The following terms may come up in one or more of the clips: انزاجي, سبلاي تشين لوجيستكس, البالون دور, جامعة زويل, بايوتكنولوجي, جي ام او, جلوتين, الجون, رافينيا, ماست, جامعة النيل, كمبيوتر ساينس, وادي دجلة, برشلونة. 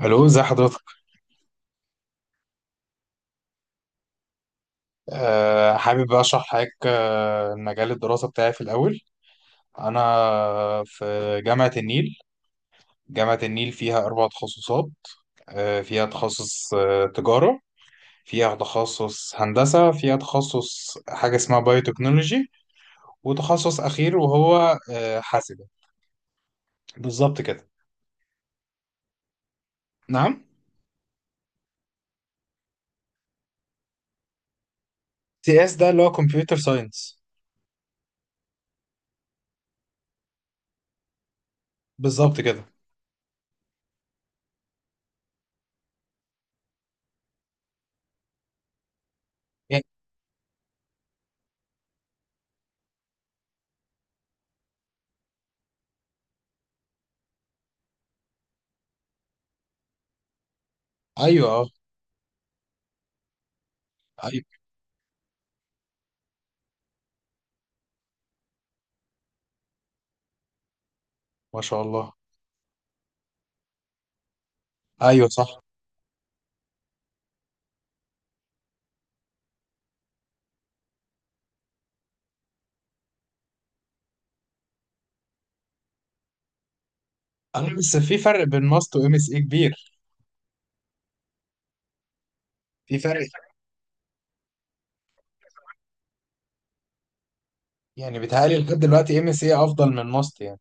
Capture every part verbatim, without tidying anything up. الو، ازي حضرتك؟ أه حابب بقى اشرح لحضرتك، آه، مجال الدراسه بتاعي. في الاول انا في جامعه النيل جامعه النيل فيها اربع تخصصات. أه فيها تخصص أه تجاره، فيها تخصص هندسه، فيها تخصص حاجه اسمها بايوتكنولوجي، وتخصص اخير وهو أه حاسبه. بالظبط كده. نعم. سي اس ده اللي هو كمبيوتر ساينس. بالظبط كده. يعني، ايوه، اه. ايوه. ما شاء الله. ايوه، صح. انا بس في فرق بين ماست وام اس اي كبير. في فرق يعني. بيتهيألي لحد دلوقتي ام سي افضل من ماست يعني.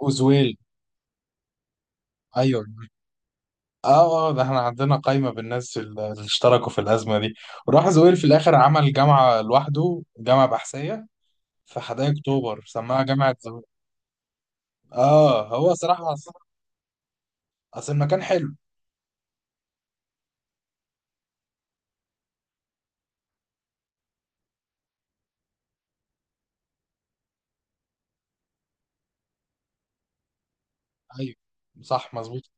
اوزويل. ايوه. اه اه، ده احنا عندنا قايمة بالناس اللي اشتركوا في الأزمة دي، وراح زويل في الآخر عمل جامعة لوحده، جامعة بحثية في حدائق أكتوبر، سماها جامعة زويل. اه، هو صراحة أصل، أصل المكان حلو. أيوه، صح، مظبوط.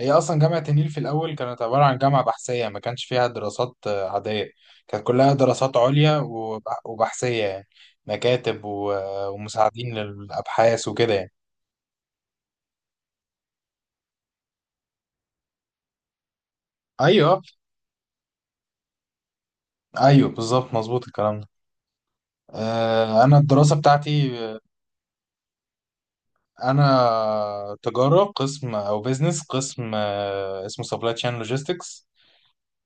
هي اصلا جامعه النيل في الاول كانت عباره عن جامعه بحثيه، ما كانش فيها دراسات آه، عاديه. كانت كلها دراسات عليا وبح- وبحثيه يعني، مكاتب و- آه، ومساعدين للابحاث وكده يعني. ايوه، ايوه بالظبط، مظبوط الكلام ده. آه، انا الدراسه بتاعتي، آه، انا تجاره قسم او بيزنس قسم، آه، اسمه سبلاي تشين لوجيستكس.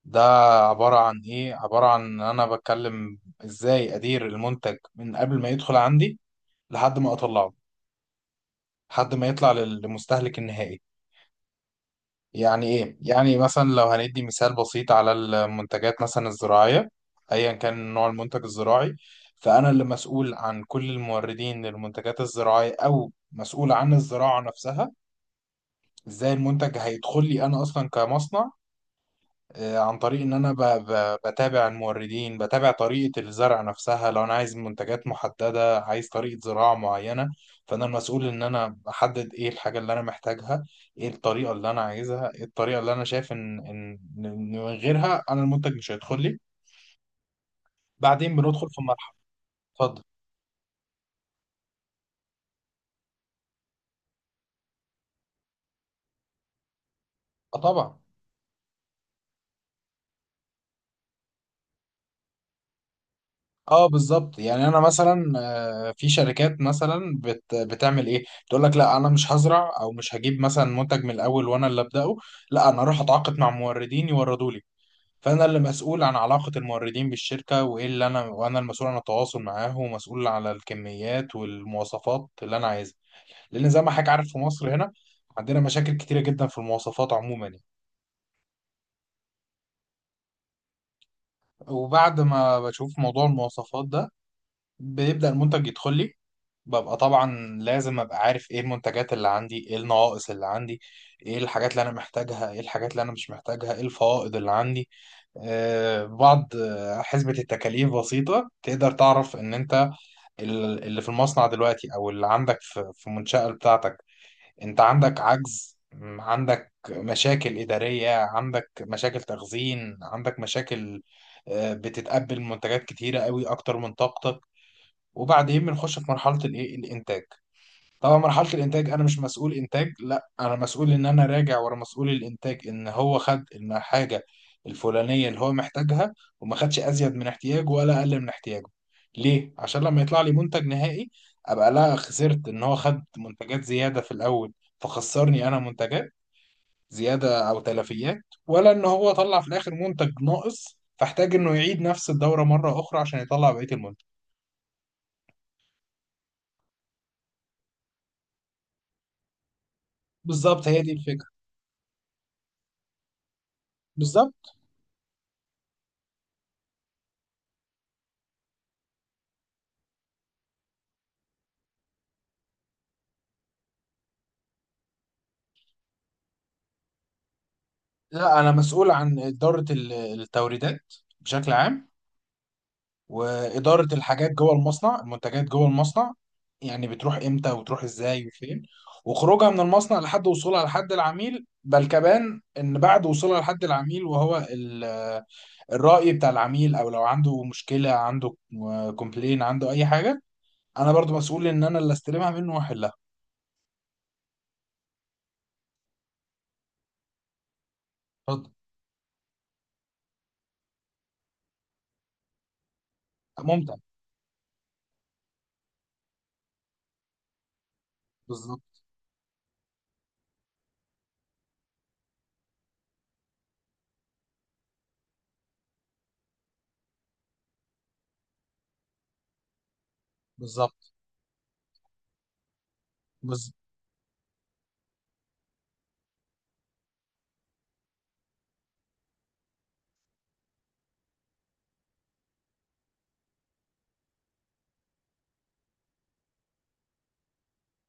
ده عباره عن ايه؟ عباره عن ان انا بتكلم ازاي ادير المنتج من قبل ما يدخل عندي لحد ما اطلعه، لحد ما يطلع لل- لمستهلك النهائي. يعني ايه؟ يعني مثلا لو هندي مثال بسيط على المنتجات مثلا الزراعية، ايا كان نوع المنتج الزراعي، فانا اللي مسؤول عن كل الموردين للمنتجات الزراعية، او مسؤول عن الزراعة نفسها. ازاي المنتج هيدخل لي انا اصلا كمصنع؟ آه، عن طريق ان انا ب- ب- بتابع الموردين، بتابع طريقة الزرع نفسها. لو انا عايز منتجات محددة، عايز طريقة زراعة معينة، فانا المسؤول ان انا احدد ايه الحاجة اللي انا محتاجها، ايه الطريقة اللي انا عايزها، ايه الطريقة اللي انا شايف ان ان إن من غيرها انا المنتج مش هيدخل لي. بعدين بندخل في مرحلة. اتفضل. اه طبعا. اه بالظبط. يعني انا مثلا آه، في شركات مثلا بت بتعمل ايه، تقول لك لا انا مش هزرع او مش هجيب مثلا منتج من الاول وانا اللي ابداه، لا انا اروح اتعاقد مع موردين يوردوا لي. فانا اللي مسؤول عن علاقه الموردين بالشركه، وايه اللي انا، وانا المسؤول عن التواصل معاهم، ومسؤول على الكميات والمواصفات اللي انا عايزها. لان زي ما حضرتك عارف في مصر هنا عندنا مشاكل كتيره جدا في المواصفات عموما يعني. وبعد ما بشوف موضوع المواصفات ده، بيبدا المنتج يدخل لي. ببقى طبعا لازم ابقى عارف ايه المنتجات اللي عندي، ايه النواقص اللي عندي، ايه الحاجات اللي انا محتاجها، ايه الحاجات اللي انا مش محتاجها، ايه الفوائض اللي عندي. آه، بعض آه، حسبة التكاليف بسيطة تقدر تعرف ان انت ال- اللي في المصنع دلوقتي او اللي عندك في في المنشأة بتاعتك انت عندك عجز، م، عندك مشاكل إدارية، عندك مشاكل تخزين، عندك مشاكل، آه، بتتقبل منتجات كتيرة قوي اكتر من طاقتك. وبعدين بنخش في مرحلة الايه، الانتاج. طبعا مرحلة الإنتاج أنا مش مسؤول إنتاج، لا أنا مسؤول إن أنا راجع ورا مسؤول الإنتاج إن هو خد الحاجة الفلانية اللي هو محتاجها، وما خدش أزيد من احتياجه ولا أقل من احتياجه. ليه؟ عشان لما يطلع لي منتج نهائي أبقى لا خسرت إن هو خد منتجات زيادة في الأول فخسرني أنا منتجات زيادة أو تلفيات، ولا إن هو طلع في الآخر منتج ناقص فاحتاج إنه يعيد نفس الدورة مرة أخرى عشان يطلع بقية المنتج. بالظبط، هي دي الفكرة. بالظبط. لا انا مسؤول عن اداره ال- التوريدات بشكل عام، واداره الحاجات جوه المصنع، المنتجات جوه المصنع. يعني بتروح امتى وتروح ازاي وفين، وخروجها من المصنع لحد وصولها لحد العميل. بل كمان ان بعد وصولها لحد العميل وهو ال- الراي بتاع العميل، او لو عنده مشكله، عنده كومبلين، عنده اي حاجه انا برضو مسؤول ان انا اللي استلمها منه واحلها. اتفضل. ممتع. بالظبط. بالظبط. بز...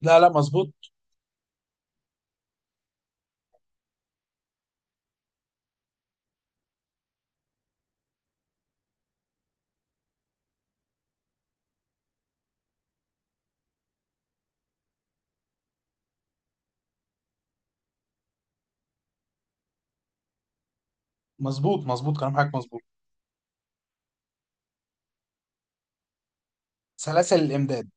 لا لا، مظبوط، مظبوط، مظبوط كلام حضرتك مظبوط. سلاسل الامداد.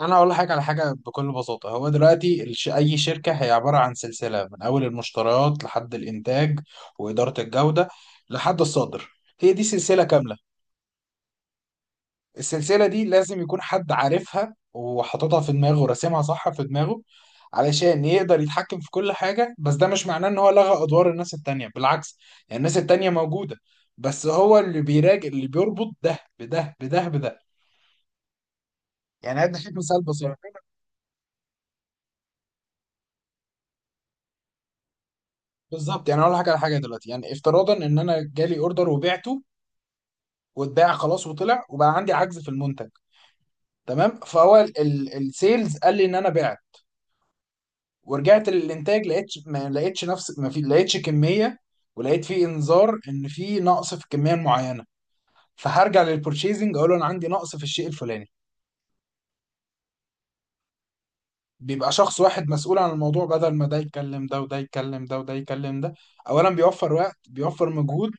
انا اقول لحضرتك على حاجه بكل بساطه. هو دلوقتي الش... اي شركه هي عباره عن سلسله من اول المشتريات لحد الانتاج، واداره الجوده، لحد الصادر. هي دي سلسله كامله. السلسله دي لازم يكون حد عارفها وحاططها في دماغه وراسمها صح في دماغه علشان يقدر يتحكم في كل حاجه. بس ده مش معناه ان هو لغى ادوار الناس التانيه، بالعكس. يعني الناس التانيه موجوده، بس هو اللي بيراجع، اللي بيربط ده بده، بده بده. يعني هدي مثال بسيط. بالظبط. يعني اقول لك على حاجه. دلوقتي يعني افتراضا ان انا جالي اوردر وبعته واتباع خلاص وطلع وبقى عندي عجز في المنتج. تمام. فهو ال- السيلز قال لي ان انا بعت، ورجعت للانتاج لقيت، ما لقيتش نفس ما في، لقيتش كميه، ولقيت في انذار ان في نقص في الكميه المعينه. فهرجع للبورشيزنج اقول له انا عندي نقص في الشيء الفلاني. بيبقى شخص واحد مسؤول عن الموضوع بدل ما ده يتكلم ده وده يتكلم ده وده يتكلم ده. اولا بيوفر وقت، بيوفر مجهود.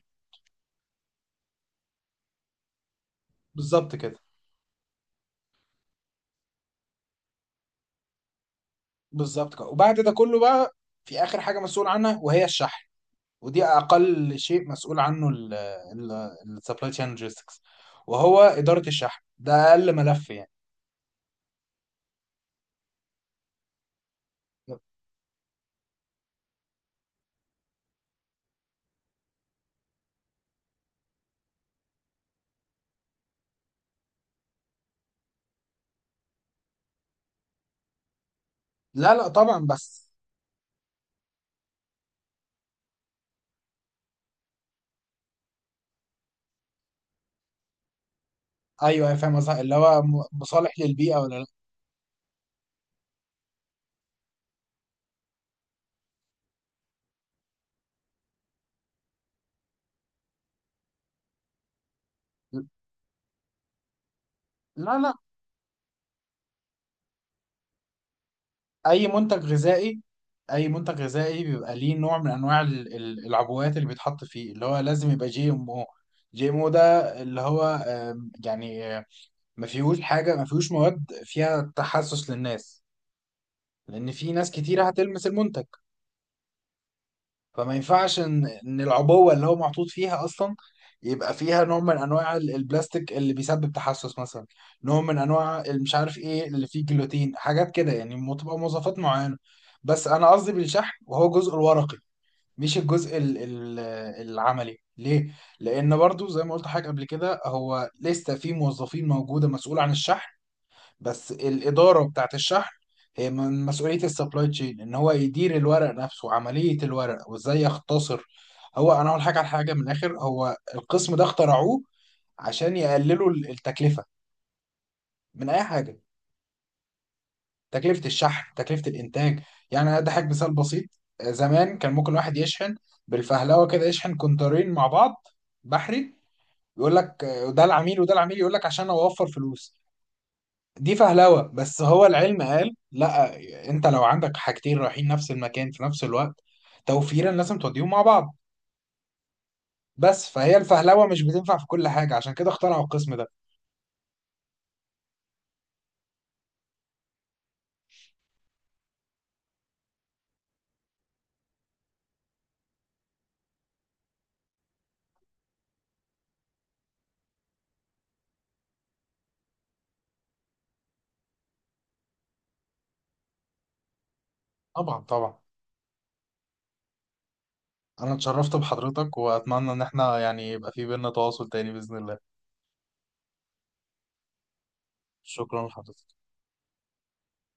بالظبط كده. بالظبط كده. وبعد ده كله بقى، في اخر حاجه مسؤول عنها وهي الشحن. ودي اقل شيء مسؤول عنه السبلاي تشين لوجيستكس، وهو اداره الشحن. ده اقل ملف يعني. لا لا طبعا بس. ايوه، أيوة، فاهم قصدي، اللي هو م- مصالح للبيئه ولا لا. لا لا. اي منتج غذائي، اي منتج غذائي بيبقى ليه نوع من انواع ال- ال- العبوات اللي بيتحط فيه، اللي هو لازم يبقى جي ام او. جي ام او ده اللي هو آم، يعني ما فيهوش حاجة، ما فيهوش مواد فيها تحسس للناس، لأن في ناس كتيرة هتلمس المنتج. فما ينفعش إن إن العبوة اللي هو محطوط فيها أصلا يبقى فيها نوع من أنواع ال- البلاستيك اللي بيسبب تحسس مثلا، نوع من أنواع ال- مش عارف إيه اللي فيه جلوتين، حاجات كده يعني. م- تبقى مواصفات معينة. بس أنا قصدي بالشحن وهو الجزء الورقي، مش الجزء ال ال العملي. ليه؟ لأن برضو زي ما قلت حاجة قبل كده، هو لسه في موظفين موجودة مسؤولة عن الشحن. بس الإدارة بتاعت الشحن هي من مسؤولية السبلاي تشين إن هو يدير الورق نفسه، عملية الورق وإزاي يختصر. هو أنا أقول حاجة على حاجة من الآخر، هو القسم ده اخترعوه عشان يقللوا ال- التكلفة من أي حاجة. تكلفة الشحن، تكلفة الإنتاج. يعني أنا أضحك مثال بسيط. آه، زمان كان ممكن واحد يشحن بالفهلوة كده، يشحن كونترين مع بعض بحري. يقول لك آه، ده العميل وده العميل، يقول لك عشان أوفر فلوس. دي فهلوة، بس هو العلم قال لا. انت لو عندك حاجتين رايحين نفس المكان في نفس الوقت، توفيرا لازم توديهم مع بعض. بس فهي الفهلوة مش بتنفع في كل حاجة، عشان كده اخترعوا القسم ده. طبعا طبعا. انا اتشرفت بحضرتك واتمنى ان احنا يعني يبقى في بينا تواصل تاني بإذن الله. شكرا لحضرتك.